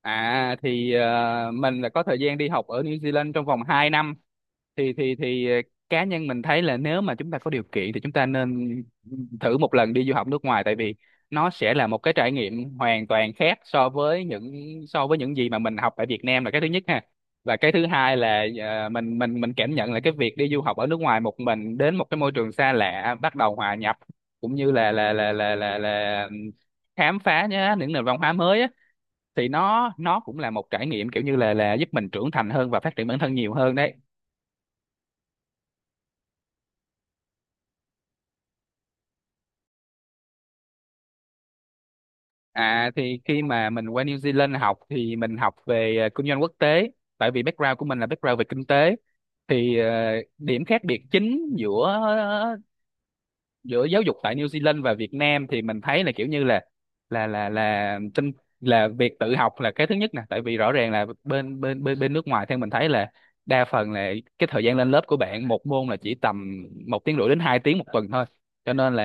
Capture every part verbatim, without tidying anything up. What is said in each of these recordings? À thì ờ, mình là có thời gian đi học ở New Zealand trong vòng hai năm. Thì thì thì ờ, cá nhân mình thấy là nếu mà chúng ta có điều kiện thì chúng ta nên thử một lần đi du học nước ngoài, tại vì nó sẽ là một cái trải nghiệm hoàn toàn khác so với những so với những gì mà mình học ở Việt Nam, là cái thứ nhất ha. Và cái thứ hai là ờ, mình mình mình cảm nhận là cái việc đi du học ở nước ngoài một mình, đến một cái môi trường xa lạ, bắt đầu hòa nhập cũng như là là là là là, là khám phá nhá, những nền văn hóa mới á, thì nó nó cũng là một trải nghiệm kiểu như là là giúp mình trưởng thành hơn và phát triển bản thân nhiều hơn đấy. À thì khi mà mình qua New Zealand học thì mình học về ờ, kinh doanh quốc tế, tại vì background của mình là background về kinh tế. Thì ờ, điểm khác biệt chính giữa giữa giáo dục tại New Zealand và Việt Nam thì mình thấy là kiểu như là là là là tinh là việc tự học là cái thứ nhất nè, tại vì rõ ràng là bên bên bên bên nước ngoài theo mình thấy là đa phần là cái thời gian lên lớp của bạn một môn là chỉ tầm một tiếng rưỡi đến hai tiếng một tuần thôi. Cho nên là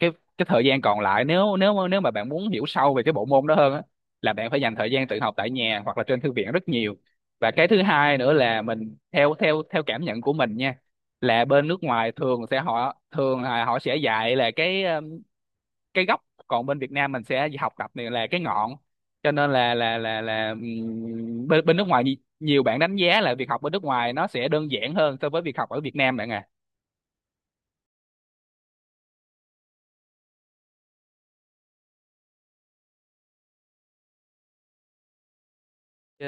cái cái thời gian còn lại, nếu nếu nếu mà bạn muốn hiểu sâu về cái bộ môn đó hơn á, là bạn phải dành thời gian tự học tại nhà hoặc là trên thư viện rất nhiều. Và cái thứ hai nữa là mình theo theo theo cảm nhận của mình nha, là bên nước ngoài thường sẽ họ thường là họ sẽ dạy là cái um, cái gốc, còn bên Việt Nam mình sẽ học tập này là cái ngọn. Cho nên là là là là ừm, bên bên nước ngoài, nhi- nhiều bạn đánh giá là việc học bên nước ngoài nó sẽ đơn giản hơn so với việc học ở Việt Nam bạn à. Ờ,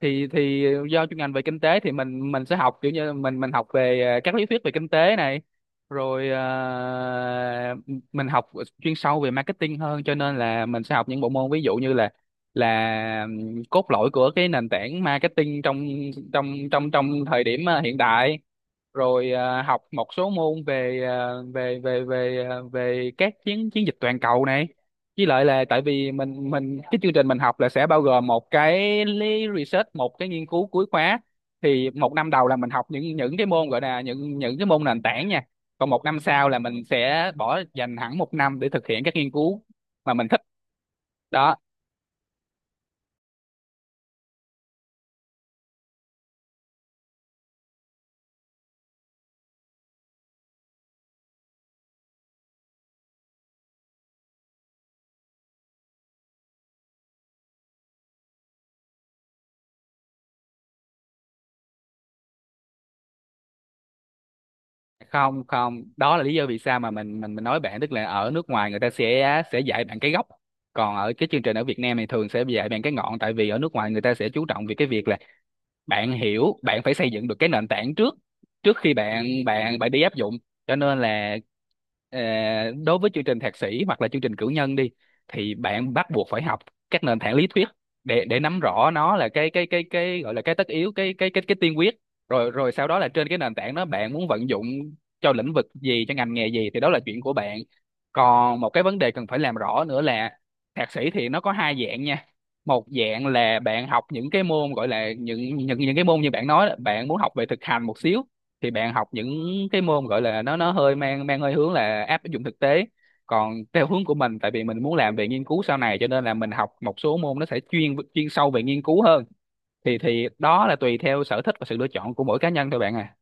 thì thì do chuyên ngành về kinh tế thì mình mình sẽ học kiểu như mình mình học về ờ, các lý thuyết về kinh tế này, rồi ờ, mình học chuyên sâu về marketing hơn. Cho nên là mình sẽ học những bộ môn ví dụ như là là ừm, cốt lõi của cái nền tảng marketing trong trong trong trong thời điểm ờ, hiện đại, rồi à, học một số môn về à, về về về à, về các chiến chiến dịch toàn cầu này. Với lại là tại vì mình mình cái chương trình mình học là sẽ bao gồm một cái lý research một cái nghiên cứu cuối khóa. Thì một năm đầu là mình học những những cái môn gọi là những những cái môn nền tảng nha, còn một năm sau là mình sẽ bỏ dành hẳn một năm để thực hiện các nghiên cứu mà mình thích đó. Không, không, đó là lý do vì sao mà mình mình mình nói bạn, tức là ở nước ngoài người ta sẽ sẽ dạy bạn cái gốc, còn ở cái chương trình ở Việt Nam này thường sẽ dạy bạn cái ngọn. Tại vì ở nước ngoài người ta sẽ chú trọng về cái việc là bạn hiểu, bạn phải xây dựng được cái nền tảng trước trước khi bạn bạn bạn đi áp dụng. Cho nên là ờ, đối với chương trình thạc sĩ hoặc là chương trình cử nhân đi, thì bạn bắt buộc phải học các nền tảng lý thuyết để để nắm rõ. Nó là cái cái cái cái gọi là cái tất yếu, cái cái cái cái tiên quyết. Rồi rồi sau đó là trên cái nền tảng đó bạn muốn vận dụng cho lĩnh vực gì, cho ngành nghề gì thì đó là chuyện của bạn. Còn một cái vấn đề cần phải làm rõ nữa là thạc sĩ thì nó có hai dạng nha. Một dạng là bạn học những cái môn gọi là những những những cái môn như bạn nói đó, bạn muốn học về thực hành một xíu thì bạn học những cái môn gọi là nó nó hơi mang mang hơi hướng là áp dụng thực tế. Còn theo hướng của mình, tại vì mình muốn làm về nghiên cứu sau này cho nên là mình học một số môn nó sẽ chuyên chuyên sâu về nghiên cứu hơn. Thì thì đó là tùy theo sở thích và sự lựa chọn của mỗi cá nhân thôi bạn à.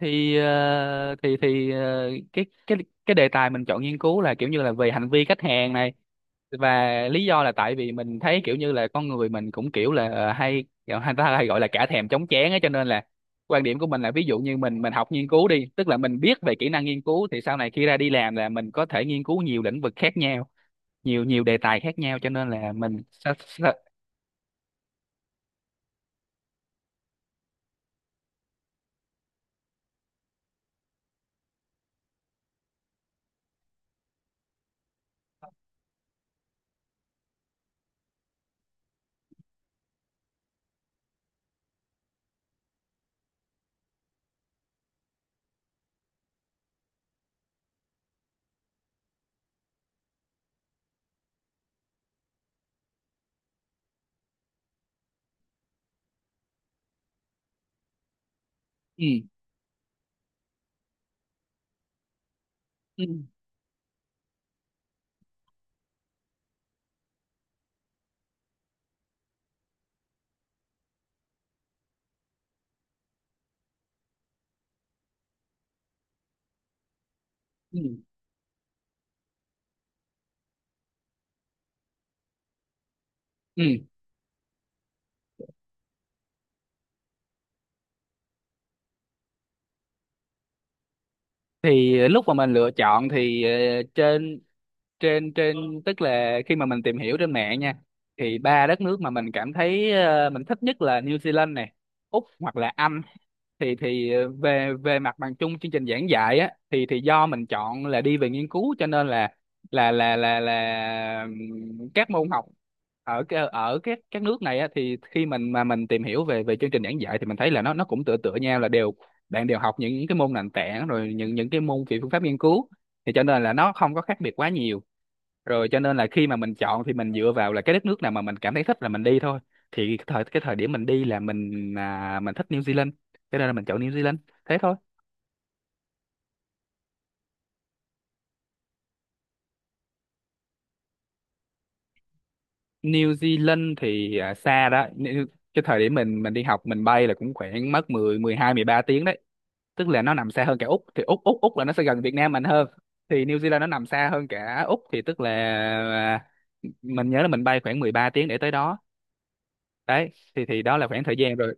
Thì ờ, thì thì ờ, cái cái cái đề tài mình chọn nghiên cứu là kiểu như là về hành vi khách hàng này. Và lý do là tại vì mình thấy kiểu như là con người mình cũng kiểu là ờ, hay kiểu hay ta hay gọi là cả thèm chóng chán ấy, cho nên là quan điểm của mình là ví dụ như mình mình học nghiên cứu đi, tức là mình biết về kỹ năng nghiên cứu thì sau này khi ra đi làm là mình có thể nghiên cứu nhiều lĩnh vực khác nhau, nhiều nhiều đề tài khác nhau. Cho nên là mình sa- sa- Ừ, ừ, ừ, ừ. Thì lúc mà mình lựa chọn thì ờ, trên trên trên tức là khi mà mình tìm hiểu trên mạng nha, thì ba đất nước mà mình cảm thấy ờ, mình thích nhất là New Zealand này, Úc hoặc là Anh. Thì thì ờ, về về mặt bằng chung chương trình giảng dạy á, thì thì do mình chọn là đi về nghiên cứu cho nên là là là là là ừm, các môn học ở cái- ở các các nước này á, thì khi mình mà mình tìm hiểu về về chương trình giảng dạy thì mình thấy là nó nó cũng tựa tựa nhau, là đều bạn đều học những cái môn nền tảng rồi những những cái môn về phương pháp nghiên cứu. Thì cho nên là nó không có khác biệt quá nhiều. Rồi cho nên là khi mà mình chọn thì mình dựa vào là cái đất nước nào mà mình cảm thấy thích là mình đi thôi. Thì cái thời cái thời điểm mình đi là mình à, mình thích New Zealand cho nên là mình chọn New Zealand thế thôi. New Zealand thì à, xa đó. New- cái thời điểm mình mình đi học mình bay là cũng khoảng mất mười, mười hai, mười ba tiếng đấy. Tức là nó nằm xa hơn cả Úc. Thì Úc Úc Úc là nó sẽ gần Việt Nam mình hơn. Thì New Zealand nó nằm xa hơn cả Úc, thì tức là à, mình nhớ là mình bay khoảng mười ba tiếng để tới đó đấy. Thì thì đó là khoảng thời gian rồi.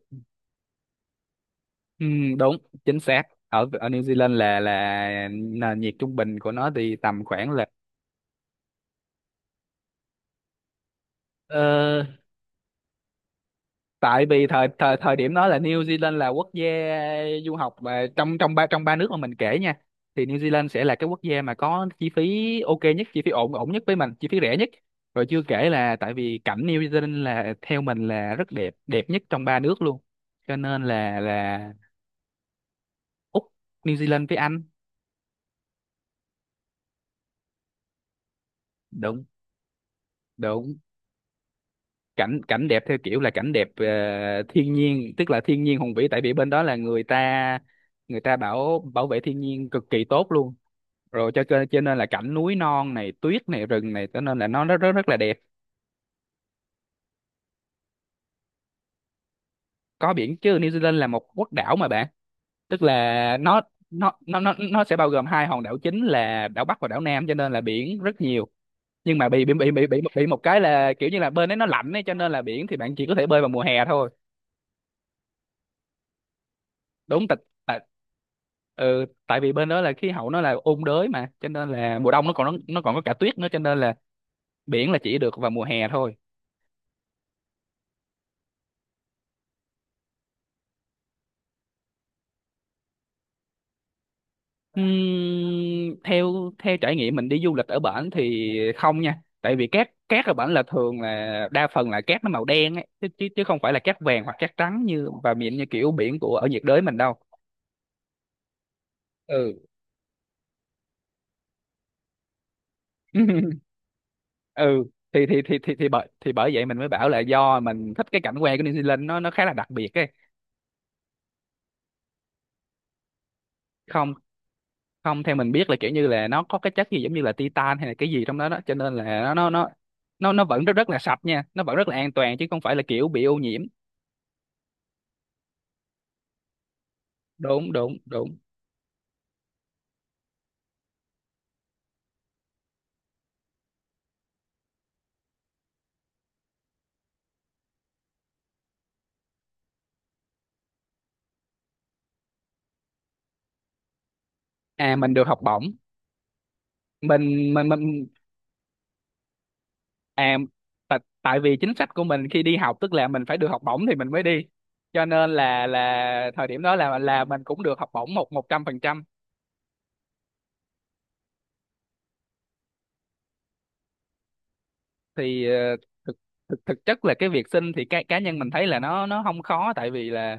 Ừ, đúng, chính xác. Ở ở New Zealand là là nền nhiệt trung bình của nó thì tầm khoảng là. ờ, tại vì thời thời thời điểm đó là New Zealand là quốc gia du học mà trong trong ba trong ba nước mà mình kể nha, thì New Zealand sẽ là cái quốc gia mà có chi phí ok nhất, chi phí ổn ổn nhất với mình, chi phí rẻ nhất. Rồi chưa kể là tại vì cảnh New Zealand là theo mình là rất đẹp, đẹp nhất trong ba nước luôn, cho nên là là Úc, New Zealand với Anh. Đúng, đúng. Cảnh cảnh đẹp theo kiểu là cảnh đẹp ờ, thiên nhiên, tức là thiên nhiên hùng vĩ. Tại vì bên đó là người ta người ta bảo bảo vệ thiên nhiên cực kỳ tốt luôn. Rồi cho cho cho nên là cảnh núi non này, tuyết này, rừng này, cho nên là nó rất rất rất là đẹp. Có biển chứ, New Zealand là một quốc đảo mà bạn. Tức là nó nó nó nó nó sẽ bao gồm hai hòn đảo chính là đảo Bắc và đảo Nam, cho nên là biển rất nhiều. Nhưng mà bị bị bị bị bị bị một cái là kiểu như là bên đấy nó lạnh ấy, cho nên là biển thì bạn chỉ có thể bơi vào mùa hè thôi. Đúng. Tại tại ừ, tại vì bên đó là khí hậu nó là ôn đới mà, cho nên là mùa đông nó còn nó, nó còn có cả tuyết nữa, cho nên là biển là chỉ được vào mùa hè thôi. Ừm, theo theo trải nghiệm mình đi du lịch ở bển thì không nha, tại vì cát cát ở bển là thường là đa phần là cát nó màu đen ấy, chứ chứ chứ không phải là cát vàng hoặc cát trắng như và miệng như kiểu biển của ở nhiệt đới mình đâu. Ừ. Ừ, thì thì thì thì thì bởi thì bởi vậy mình mới bảo là do mình thích cái cảnh quan của New Zealand nó nó khá là đặc biệt ấy. Không, không, theo mình biết là kiểu như là nó có cái chất gì giống như là titan hay là cái gì trong đó đó, cho nên là nó nó nó nó nó vẫn rất rất là sạch nha, nó vẫn rất là an toàn chứ không phải là kiểu bị ô nhiễm. Đúng, đúng, đúng. À, mình được học bổng. Mình mình mình À, tại, tại vì chính sách của mình khi đi học tức là mình phải được học bổng thì mình mới đi, cho nên là là thời điểm đó là là mình cũng được học bổng một một trăm phần trăm. Thì ờ, thực thực thực chất là cái việc xin thì cá cá nhân mình thấy là nó nó không khó, tại vì là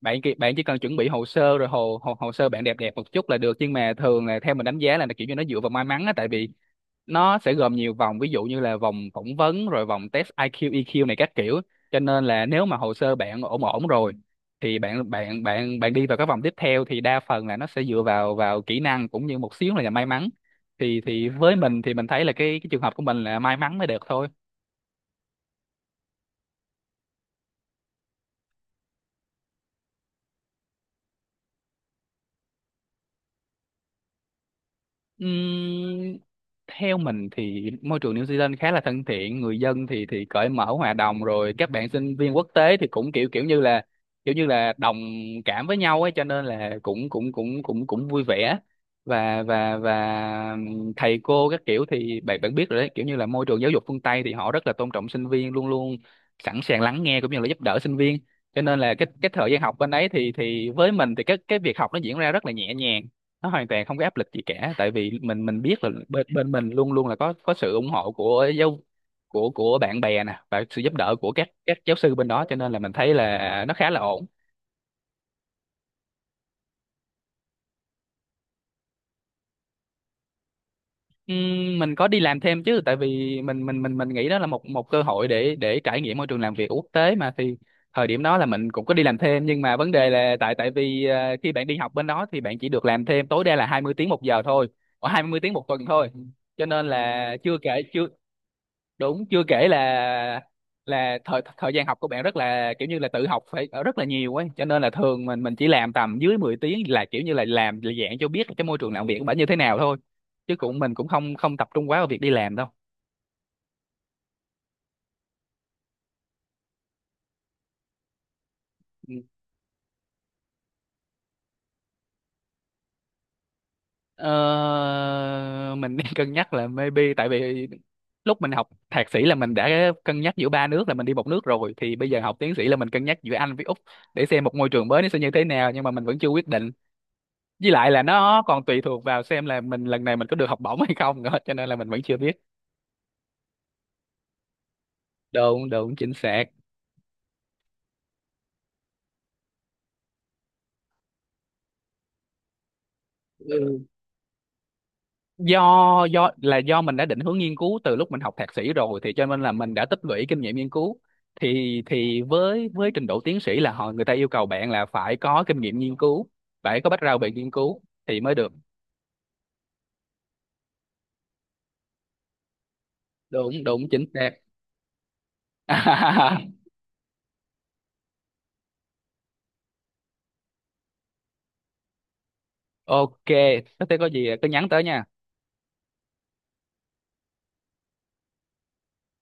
bạn ki- bạn chỉ cần chuẩn bị hồ sơ, rồi hồ, hồ hồ sơ bạn đẹp đẹp một chút là được. Nhưng mà thường là theo mình đánh giá là nó kiểu như nó dựa vào may mắn á, tại vì nó sẽ gồm nhiều vòng, ví dụ như là vòng phỏng vấn rồi vòng test ai kiu i kiu này các kiểu. Cho nên là nếu mà hồ sơ bạn ổn ổn rồi thì bạn bạn bạn bạn đi vào các vòng tiếp theo thì đa phần là nó sẽ dựa vào vào kỹ năng cũng như một xíu là may mắn. Thì thì với mình thì mình thấy là cái cái trường hợp của mình là may mắn mới được thôi. Ừm, theo mình thì môi trường New Zealand khá là thân thiện, người dân thì thì cởi mở, hòa đồng, rồi các bạn sinh viên quốc tế thì cũng kiểu kiểu như là kiểu như là đồng cảm với nhau ấy, cho nên là cũng cũng cũng cũng cũng vui vẻ. Và và và thầy cô các kiểu thì bạn bạn biết rồi đấy, kiểu như là môi trường giáo dục phương Tây thì họ rất là tôn trọng sinh viên, luôn luôn sẵn sàng lắng nghe cũng như là giúp đỡ sinh viên. Cho nên là cái cái thời gian học bên ấy thì thì với mình thì cái cái việc học nó diễn ra rất là nhẹ nhàng, nó hoàn toàn không có áp lực gì cả, tại vì mình mình biết là bên bên mình luôn luôn là có có sự ủng hộ của giáo, của của bạn bè nè và sự giúp đỡ của các các giáo sư bên đó, cho nên là mình thấy là nó khá là ổn. Ừm, mình có đi làm thêm chứ, tại vì mình mình mình mình nghĩ đó là một một cơ hội để để trải nghiệm môi trường làm việc quốc tế mà. Thì thời điểm đó là mình cũng có đi làm thêm, nhưng mà vấn đề là tại tại vì ờ, khi bạn đi học bên đó thì bạn chỉ được làm thêm tối đa là hai mươi tiếng một giờ thôi, ở hai mươi tiếng một tuần thôi. Cho nên là chưa kể chưa đúng, chưa kể là là thời thời gian học của bạn rất là kiểu như là tự học phải ở rất là nhiều ấy, cho nên là thường mình mình chỉ làm tầm dưới mười tiếng, là kiểu như là làm là dạng cho biết cái môi trường làm việc của bạn như thế nào thôi, chứ cũng mình cũng không không tập trung quá vào việc đi làm đâu. Ừ. Ờ, mình đang cân nhắc là maybe, tại vì lúc mình học thạc sĩ là mình đã cân nhắc giữa ba nước, là mình đi một nước rồi, thì bây giờ học tiến sĩ là mình cân nhắc giữa Anh với Úc để xem một môi trường mới nó sẽ như thế nào, nhưng mà mình vẫn chưa quyết định, với lại là nó còn tùy thuộc vào xem là mình lần này mình có được học bổng hay không nữa, cho nên là mình vẫn chưa biết. Đúng, đúng, chính xác. Ừ. do do là do mình đã định hướng nghiên cứu từ lúc mình học thạc sĩ rồi, thì cho nên là mình đã tích lũy kinh nghiệm nghiên cứu. Thì thì với với trình độ tiến sĩ là họ người ta yêu cầu bạn là phải có kinh nghiệm nghiên cứu, phải có background về nghiên cứu thì mới được. Đúng, đúng, chính xác. Ok, thế có gì cứ nhắn tới nha.